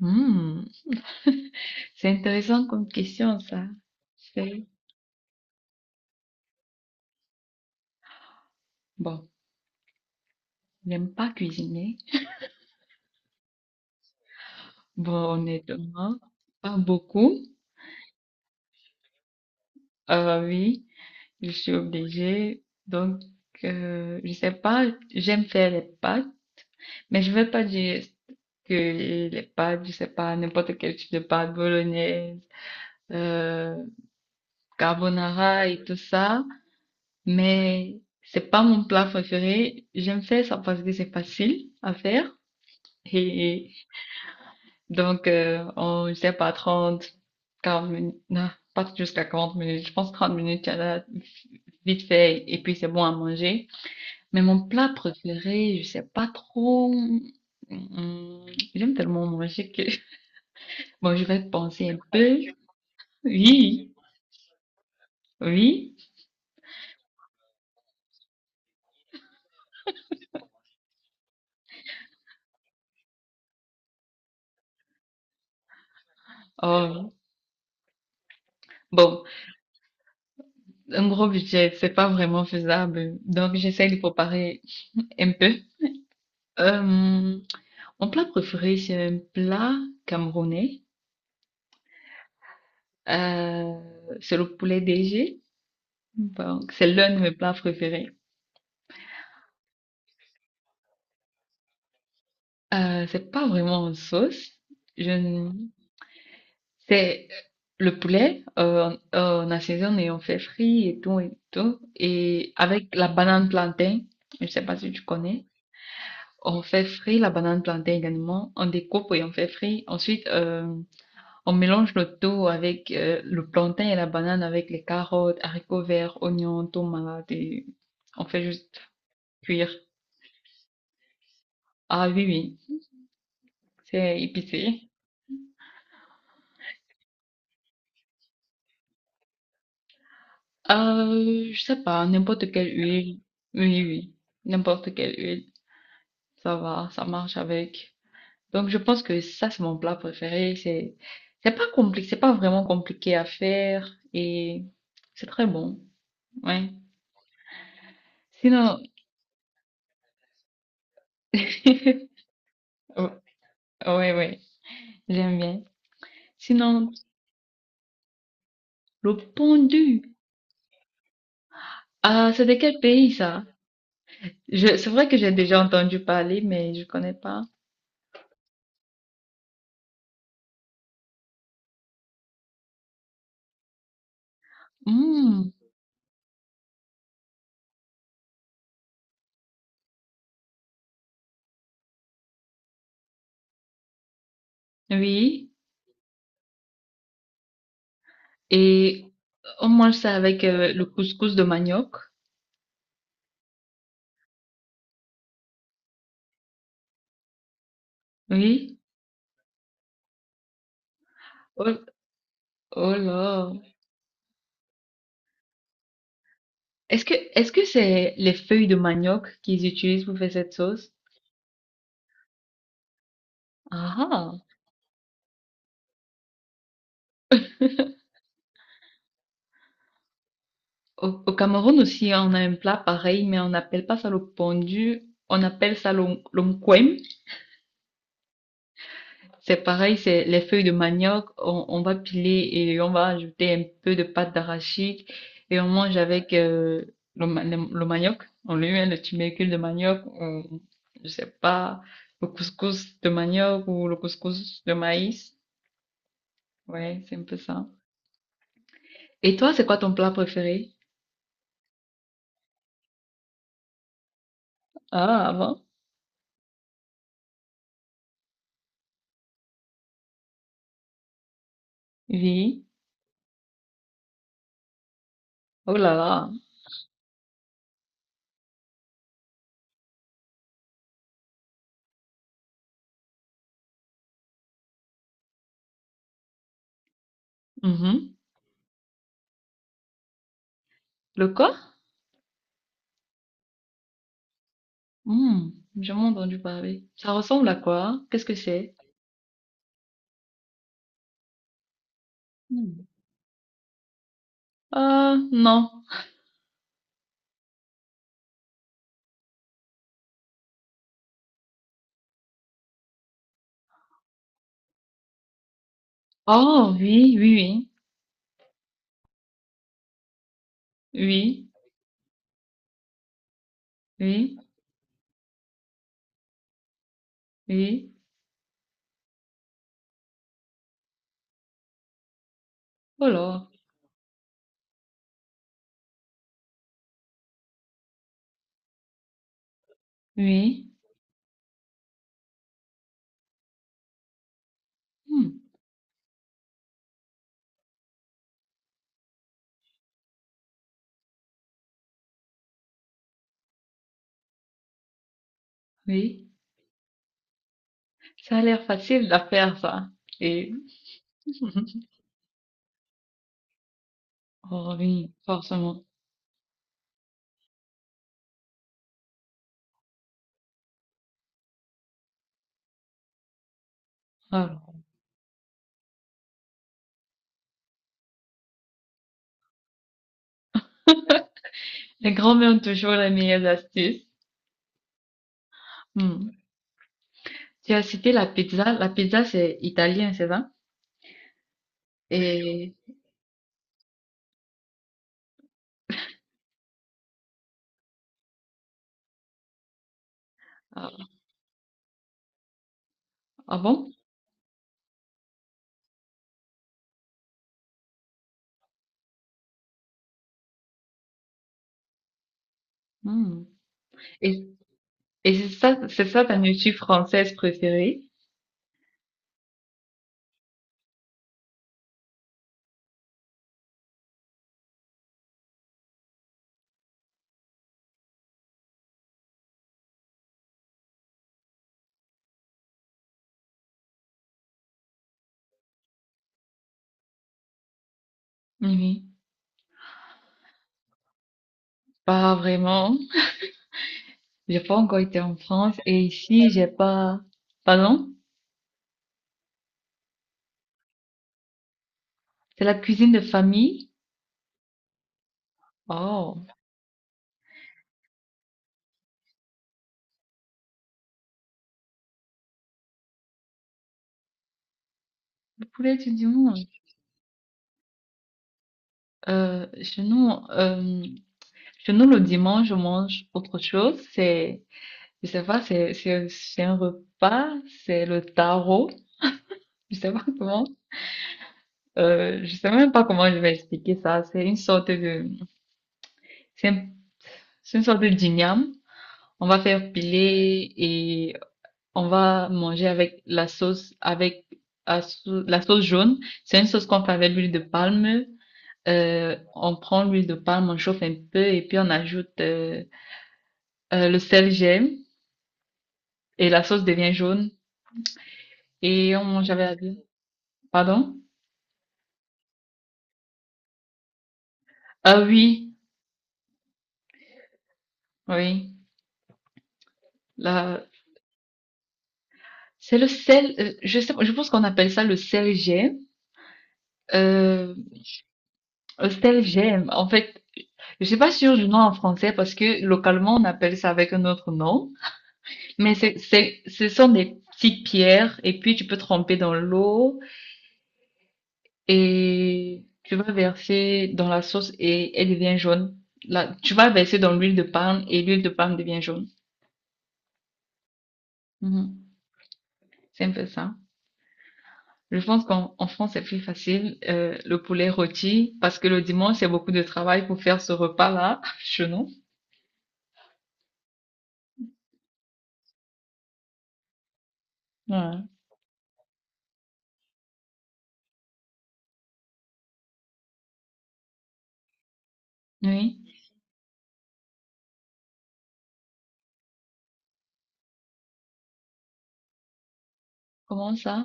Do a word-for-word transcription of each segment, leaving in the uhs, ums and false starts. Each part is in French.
Hmm, c'est intéressant comme question, ça. C'est, bon, je n'aime pas cuisiner. Bon, honnêtement, pas beaucoup. Euh, oui, je suis obligée. Donc, euh, je sais pas, j'aime faire les pâtes, mais je vais pas dire que les pâtes, je sais pas, n'importe quel type de pâtes, bolognaise, euh, carbonara et tout ça, mais c'est pas mon plat préféré. J'aime faire ça parce que c'est facile à faire. Et donc, euh, en, je sais pas, trente quarante minutes, non, pas jusqu'à quarante minutes, je pense trente minutes, il y en a vite fait, et puis c'est bon à manger. Mais mon plat préféré, je sais pas trop, hum, j'aime tellement manger que, bon, je vais penser un peu. Oui, oui, oh. Bon, un gros budget, c'est pas vraiment faisable, donc j'essaie de préparer un peu. Euh, mon plat préféré, c'est un plat camerounais. Euh, c'est le poulet D G. Bon, c'est l'un de mes plats préférés. Euh, c'est pas vraiment une sauce. Je ne- C'est le poulet, euh, on on assaisonne et on fait frit et tout et tout. Et avec la banane plantain, je sais pas si tu connais, on fait frit la banane plantain également. On découpe et on fait frit. Ensuite, euh, on mélange le tout avec euh, le plantain et la banane avec les carottes, haricots verts, oignons, tomates et on fait juste cuire. Ah oui, oui, c'est épicé. Euh, je sais pas, n'importe quelle huile. Oui, oui, n'importe quelle huile. Ça va, ça marche avec. Donc je pense que ça, c'est mon plat préféré. C'est, c'est pas compliqué, c'est pas vraiment compliqué à faire et c'est très bon. Ouais. Sinon, ouais, ouais, j'aime bien. Sinon, le pondu. Ah, c'est de quel pays ça? Je, c'est vrai que j'ai déjà entendu parler, mais je connais pas. Hmm, oui. Et on mange ça avec euh, le couscous de manioc. Oui. Oh, oh là. Est-ce que est-ce que c'est les feuilles de manioc qu'ils utilisent pour faire cette sauce? Ah. Ah. Au, au Cameroun aussi, on a un plat pareil, mais on n'appelle pas ça le pondu. On appelle ça l'on- C'est pareil, c'est les feuilles de manioc, on, on va piler et on va ajouter un peu de pâte d'arachide et on mange avec euh, le, ma- le, le manioc. On lui met le tubercule de manioc, on, je sais pas, le couscous de manioc ou le couscous de maïs. Ouais, c'est un peu ça. Et toi, c'est quoi ton plat préféré? Ah, avant? Oui. Oh là là. Mhm. Le quoi? Hmm, j'ai jamais entendu parler. Ça ressemble à quoi? Qu'est-ce que c'est? Hmm. Ah, non. Oh oui, oui, oui, oui, oui, oui. Oh là, oui, hmm, oui. Ça a l'air facile de faire ça. Et oh oui, forcément. Alors, les grands-mères ont toujours les meilleures astuces. Hmm. Tu as cité la pizza. La pizza, c'est italien, c'est ça? Et ah, ah bon? Hmm. Et, et c'est ça, c'est ça ta nourriture française préférée? Oui. Pas vraiment. J'ai pas encore été en France et ici, j'ai pas. Pardon? C'est la cuisine de famille? Oh, le poulet du dimanche. Euh, chez nous, euh, chez nous, le dimanche, on mange autre chose. C'est, je sais pas, c'est, c'est, c'est un repas, c'est le tarot. Je sais pas comment, euh, je sais même pas comment je vais expliquer ça. C'est une sorte de, c'est un- c'est une sorte de dîniam. On va faire piler et on va manger avec la sauce, avec la sau- la sauce jaune. C'est une sauce qu'on fait avec l'huile de palme. Euh, on prend l'huile de palme, on chauffe un peu et puis on ajoute euh, euh, le sel gemme et la sauce devient jaune et on mange avec la viande. Pardon? Ah oui, oui. Là, c'est le sel. euh, je sais, pas, je pense qu'on appelle ça le sel gemme. Euh, le sel gemme. En fait, je suis pas sûre du nom en français parce que localement on appelle ça avec un autre nom. Mais c'est, c'est, ce sont des petites pierres et puis tu peux tremper dans l'eau et tu vas verser dans la sauce et elle devient jaune. Là, tu vas verser dans l'huile de palme et l'huile de palme devient jaune. Mhm. C'est un peu ça. Je pense qu'en en France, c'est plus facile, euh, le poulet rôti, parce que le dimanche, c'est beaucoup de travail pour faire ce repas-là, chez nous. Ouais. Oui. Comment ça?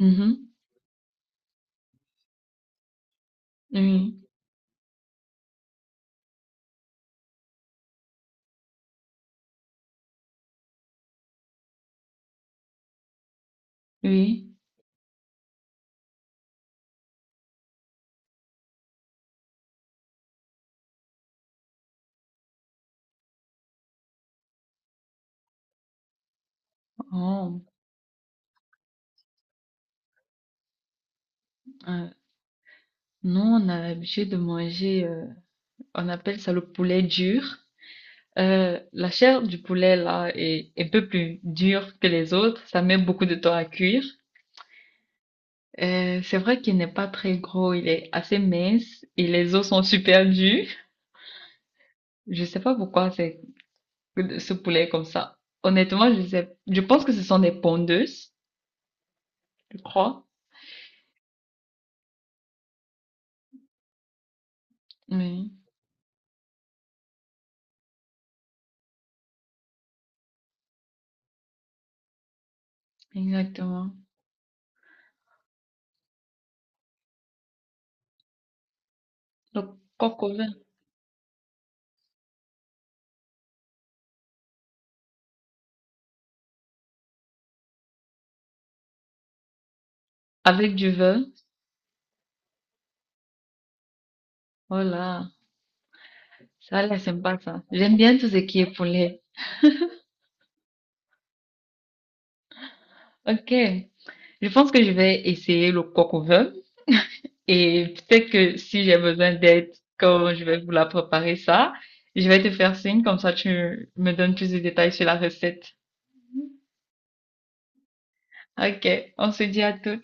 Mhm. Oui. Oui. Oh. Euh, nous, on a l'habitude de manger, euh, on appelle ça le poulet dur. Euh, la chair du poulet là est est un peu plus dure que les autres. Ça met beaucoup de temps à cuire. Euh, c'est vrai qu'il n'est pas très gros, il est assez mince et les os sont super durs. Je sais pas pourquoi c'est ce poulet est comme ça. Honnêtement, je sais, je pense que ce sont des pondeuses, je crois. Oui, exactement. Donc, coq au vin avec du vin. Voilà, ça a l'air sympa ça. J'aime bien tout ce qui est poulet. Ok, je pense que je vais essayer le coq au vin. Et peut-être que si j'ai besoin d'aide quand je vais vous la préparer ça, je vais te faire signe, comme ça tu me donnes plus de détails sur la recette. Ok, on se dit à tout.